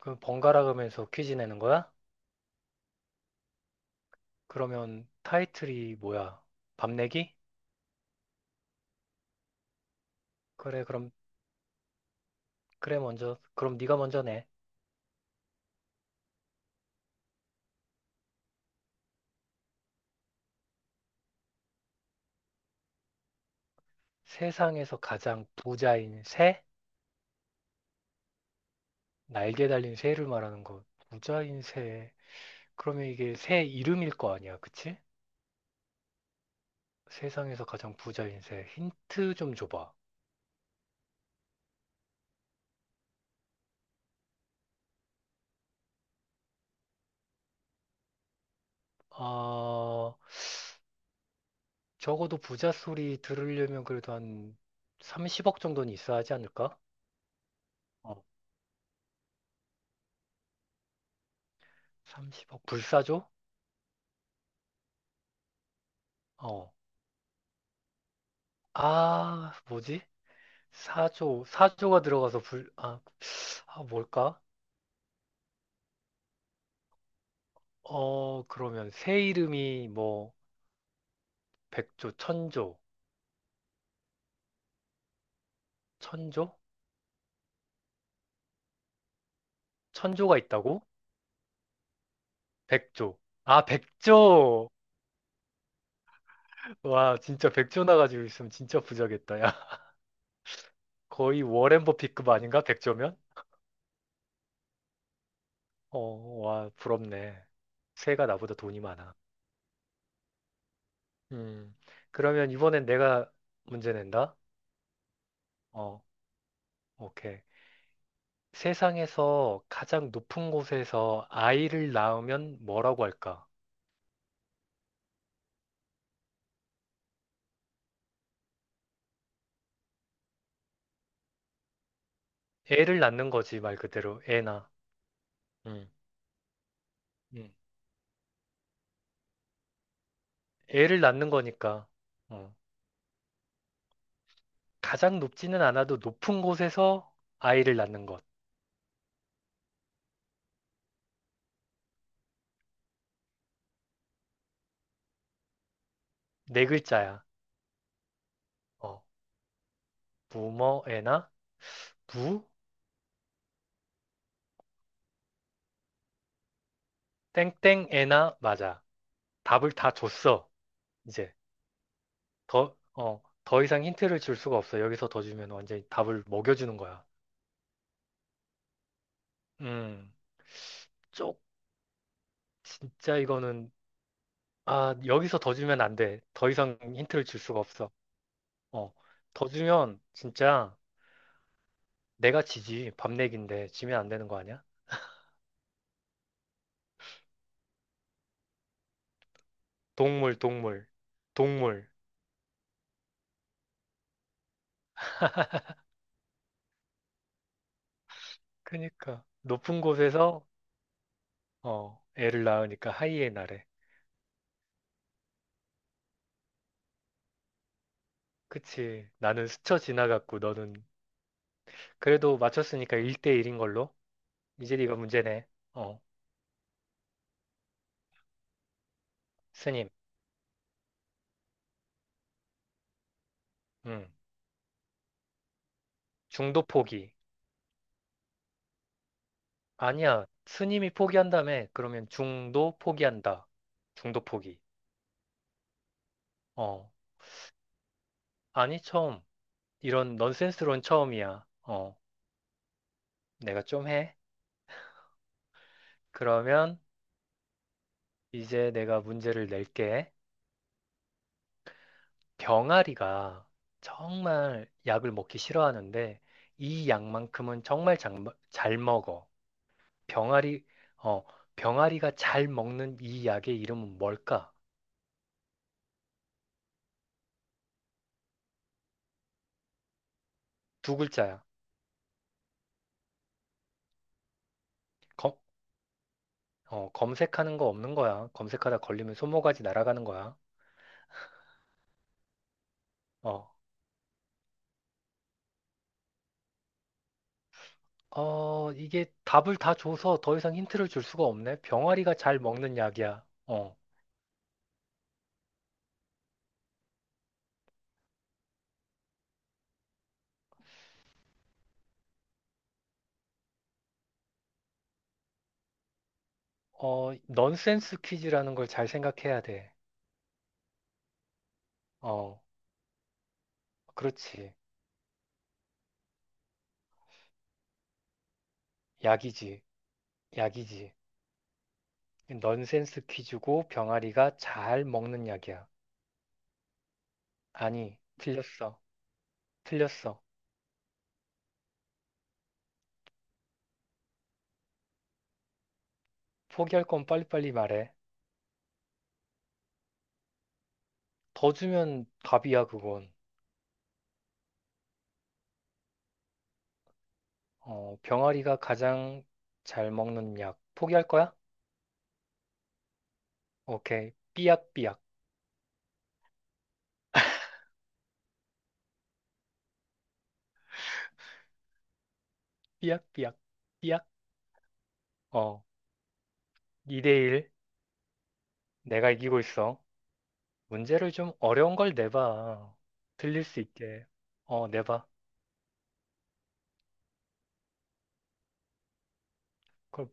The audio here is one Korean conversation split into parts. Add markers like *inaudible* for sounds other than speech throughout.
그 번갈아 가면서 퀴즈 내는 거야? 그러면 타이틀이 뭐야? 밤내기? 그래, 그럼, 그래, 먼저. 그럼 네가 먼저 내. 세상에서 가장 부자인 새? 날개 달린 새를 말하는 거. 부자인 새. 그러면 이게 새 이름일 거 아니야, 그치? 세상에서 가장 부자인 새. 힌트 좀 줘봐. 아, 적어도 부자 소리 들으려면 그래도 한 30억 정도는 있어야 하지 않을까? 어, 30억. 불사조? 어. 아, 뭐지? 사조, 사조가 들어가서 불, 아, 아, 뭘까? 어, 그러면 새 이름이 뭐, 백조, 천조, 천조? 천조가 있다고? 백조. 아, 백조! 와, 진짜 백조 나가지고 있으면 진짜 부자겠다, 야. *laughs* 거의 워렌 버핏급 아닌가? 백조면? 어, 와, 부럽네. 새가 나보다 돈이 많아. 음, 그러면 이번엔 내가 문제 낸다? 어, 오케이. 세상에서 가장 높은 곳에서 아이를 낳으면 뭐라고 할까? 애를 낳는 거지, 말 그대로. 애나. 음, 음. 애를 낳는 거니까. 어. 가장 높지는 않아도 높은 곳에서 아이를 낳는 것. 네 글자야. 어. 무머 애나? 무? 땡땡 애나? 맞아. 답을 다 줬어. 이제. 더, 어, 더 이상 힌트를 줄 수가 없어. 여기서 더 주면 완전히 답을 먹여주는 거야. 음. 쪽, 진짜 이거는. 아, 여기서 더 주면 안 돼. 더 이상 힌트를 줄 수가 없어. 어, 더 주면 진짜 내가 지지. 밤내기인데 지면 안 되는 거 아니야? 동물, 동물, 동물. 그니까 높은 곳에서 어, 애를 낳으니까 하이에나래. 그치. 나는 스쳐 지나갔고 너는 그래도 맞췄으니까 1대1인 걸로. 이제 네가 문제네. 어, 스님. 음. 중도 포기. 아니야. 스님이 포기한다며. 그러면 중도 포기한다. 중도 포기. 어. 아니, 처음. 이런 넌센스론 처음이야. 어, 내가 좀 해. 그러면 이제 내가 문제를 낼게. 병아리가 정말 약을 먹기 싫어하는데 이 약만큼은 정말 잘, 먹- 잘 먹어. 병아리, 어, 병아리가 잘 먹는 이 약의 이름은 뭘까? 두 글자야. 검, 어, 검색하는 거 없는 거야. 검색하다 걸리면 손모가지 날아가는 거야. 어, 어, 이게 답을 다 줘서 더 이상 힌트를 줄 수가 없네. 병아리가 잘 먹는 약이야. 어, 어, 넌센스 퀴즈라는 걸 잘 생각해야 돼. 어, 그렇지. 약이지. 약이지. 넌센스 퀴즈고 병아리가 잘 먹는 약이야. 아니, 틀렸어. 틀렸어. 포기할 건 빨리빨리 말해. 더 주면 답이야, 그건. 어, 병아리가 가장 잘 먹는 약. 포기할 거야? 오케이. 삐약삐약. 삐약삐약. 삐약. 어. 2대1. 내가 이기고 있어. 문제를 좀 어려운 걸 내봐. 들릴 수 있게. 어, 내봐. 그럼,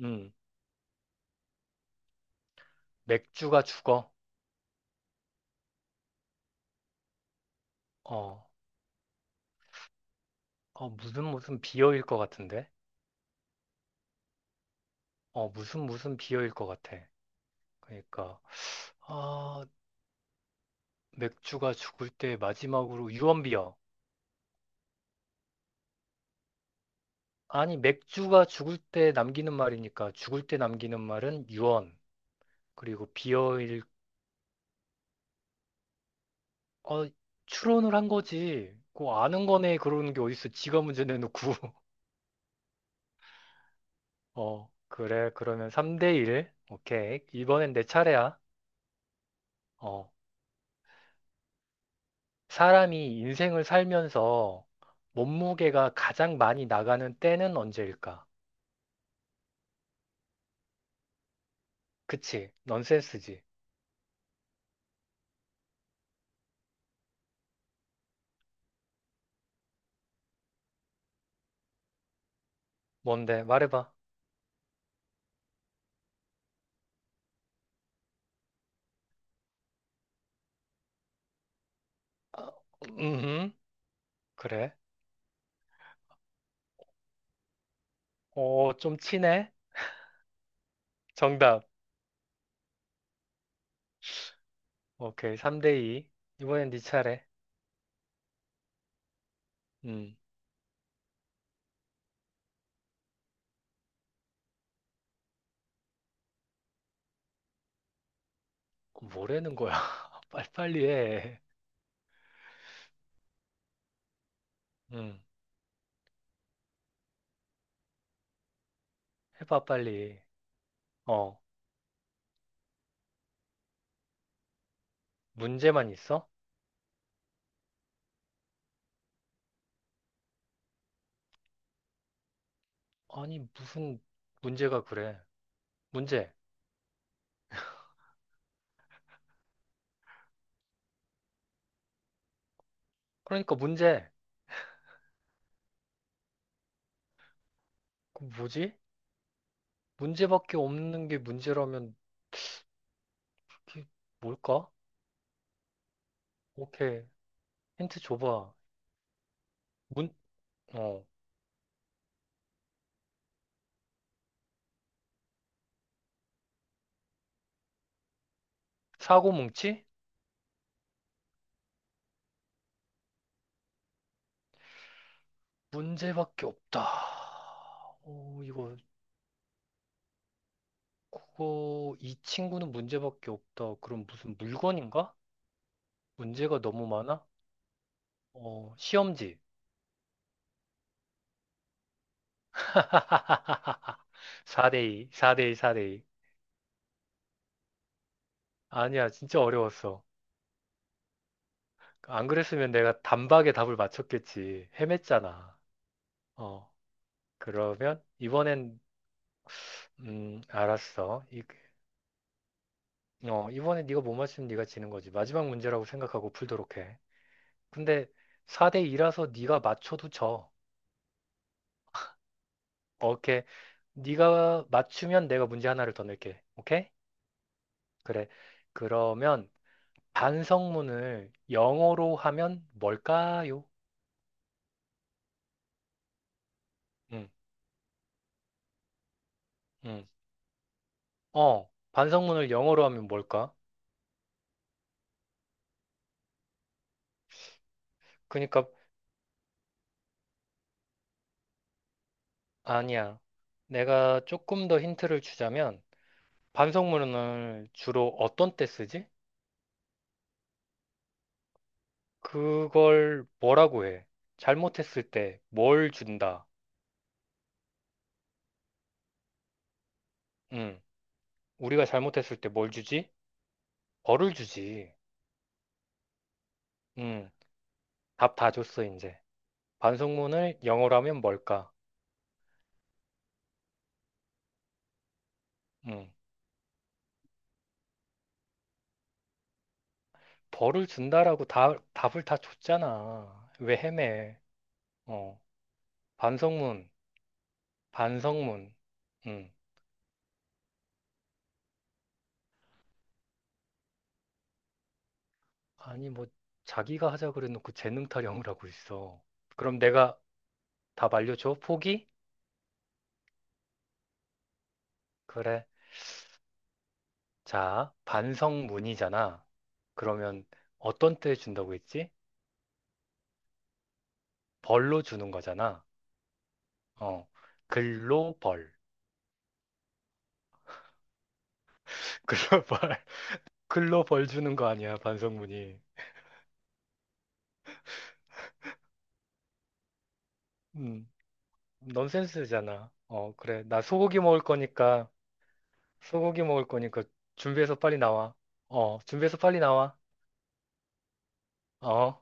음, 맥주가 죽어. 어, 어, 무슨 무슨 비어일 것 같은데? 어, 무슨 무슨 비어일 것 같아. 그러니까, 아, 맥주가 죽을 때 마지막으로 유언비어. 아니, 맥주가 죽을 때 남기는 말이니까 죽을 때 남기는 말은 유언. 그리고 비어일, 어, 추론을 한 거지. 그 아는 거네. 그러는 게 어딨어. 지가 문제 내놓고. 어, 그래. 그러면 3대 1. 오케이. 이번엔 내 차례야. 어, 사람이 인생을 살면서 몸무게가 가장 많이 나가는 때는 언제일까? 그치? 넌센스지. 뭔데? 말해봐. 아, 음, 그래. 어, 좀 치네? 정답. 오케이. 3대 2. 이번엔 네 차례. 음, 뭐라는 거야? *laughs* 빨리빨리 해. 음, 해봐, 빨리. 어, 문제만 있어? 아니, 무슨 문제가 그래? 문제. 그러니까 문제. 그 뭐지? 문제밖에 없는 게 문제라면 그게 뭘까? 오케이. 힌트 줘봐. 문, 어, 사고 뭉치? 문제밖에 없다. 어, 이거, 그거, 이 친구는 문제밖에 없다. 그럼 무슨 물건인가? 문제가 너무 많아? 어, 시험지. 4대2, 4대2, 4대2. 아니야, 진짜 어려웠어. 안 그랬으면 내가 단박에 답을 맞췄겠지. 헤맸잖아. 어, 그러면 이번엔 알았어. 이, 어, 이번에 네가 못 맞추면 네가 지는 거지. 마지막 문제라고 생각하고 풀도록 해. 근데 4대 2라서 네가 맞춰도 져. 오케이. 네가 맞추면 내가 문제 하나를 더 낼게. 오케이? 그래. 그러면 반성문을 영어로 하면 뭘까요? 음, 음. 어, 반성문을 영어로 하면 뭘까? 그러니까 아니야. 내가 조금 더 힌트를 주자면 반성문을 주로 어떤 때 쓰지? 그걸 뭐라고 해? 잘못했을 때 뭘 준다? 음, 우리가 잘못했을 때 뭘 주지? 벌을 주지. 음, 답 다 줬어, 이제. 반성문을 영어로 하면 뭘까? 음, 벌을 준다라고 다, 답을 다 줬잖아. 왜 헤매? 어, 반성문, 반성문. 음, 아니, 뭐, 자기가 하자 그래놓고 재능 타령을 하고 있어. 그럼 내가 답 알려줘? 포기? 그래. 자, 반성문이잖아. 그러면 어떤 때 준다고 했지? 벌로 주는 거잖아. 어, 글로 벌. *laughs* 글로 벌. 글로 벌 *laughs* 주는 거 아니야, 반성문이. 음, 넌센스잖아. 어, 그래. 나 소고기 먹을 거니까, 소고기 먹을 거니까 준비해서 빨리 나와. 어, 준비해서 빨리 나와. 어.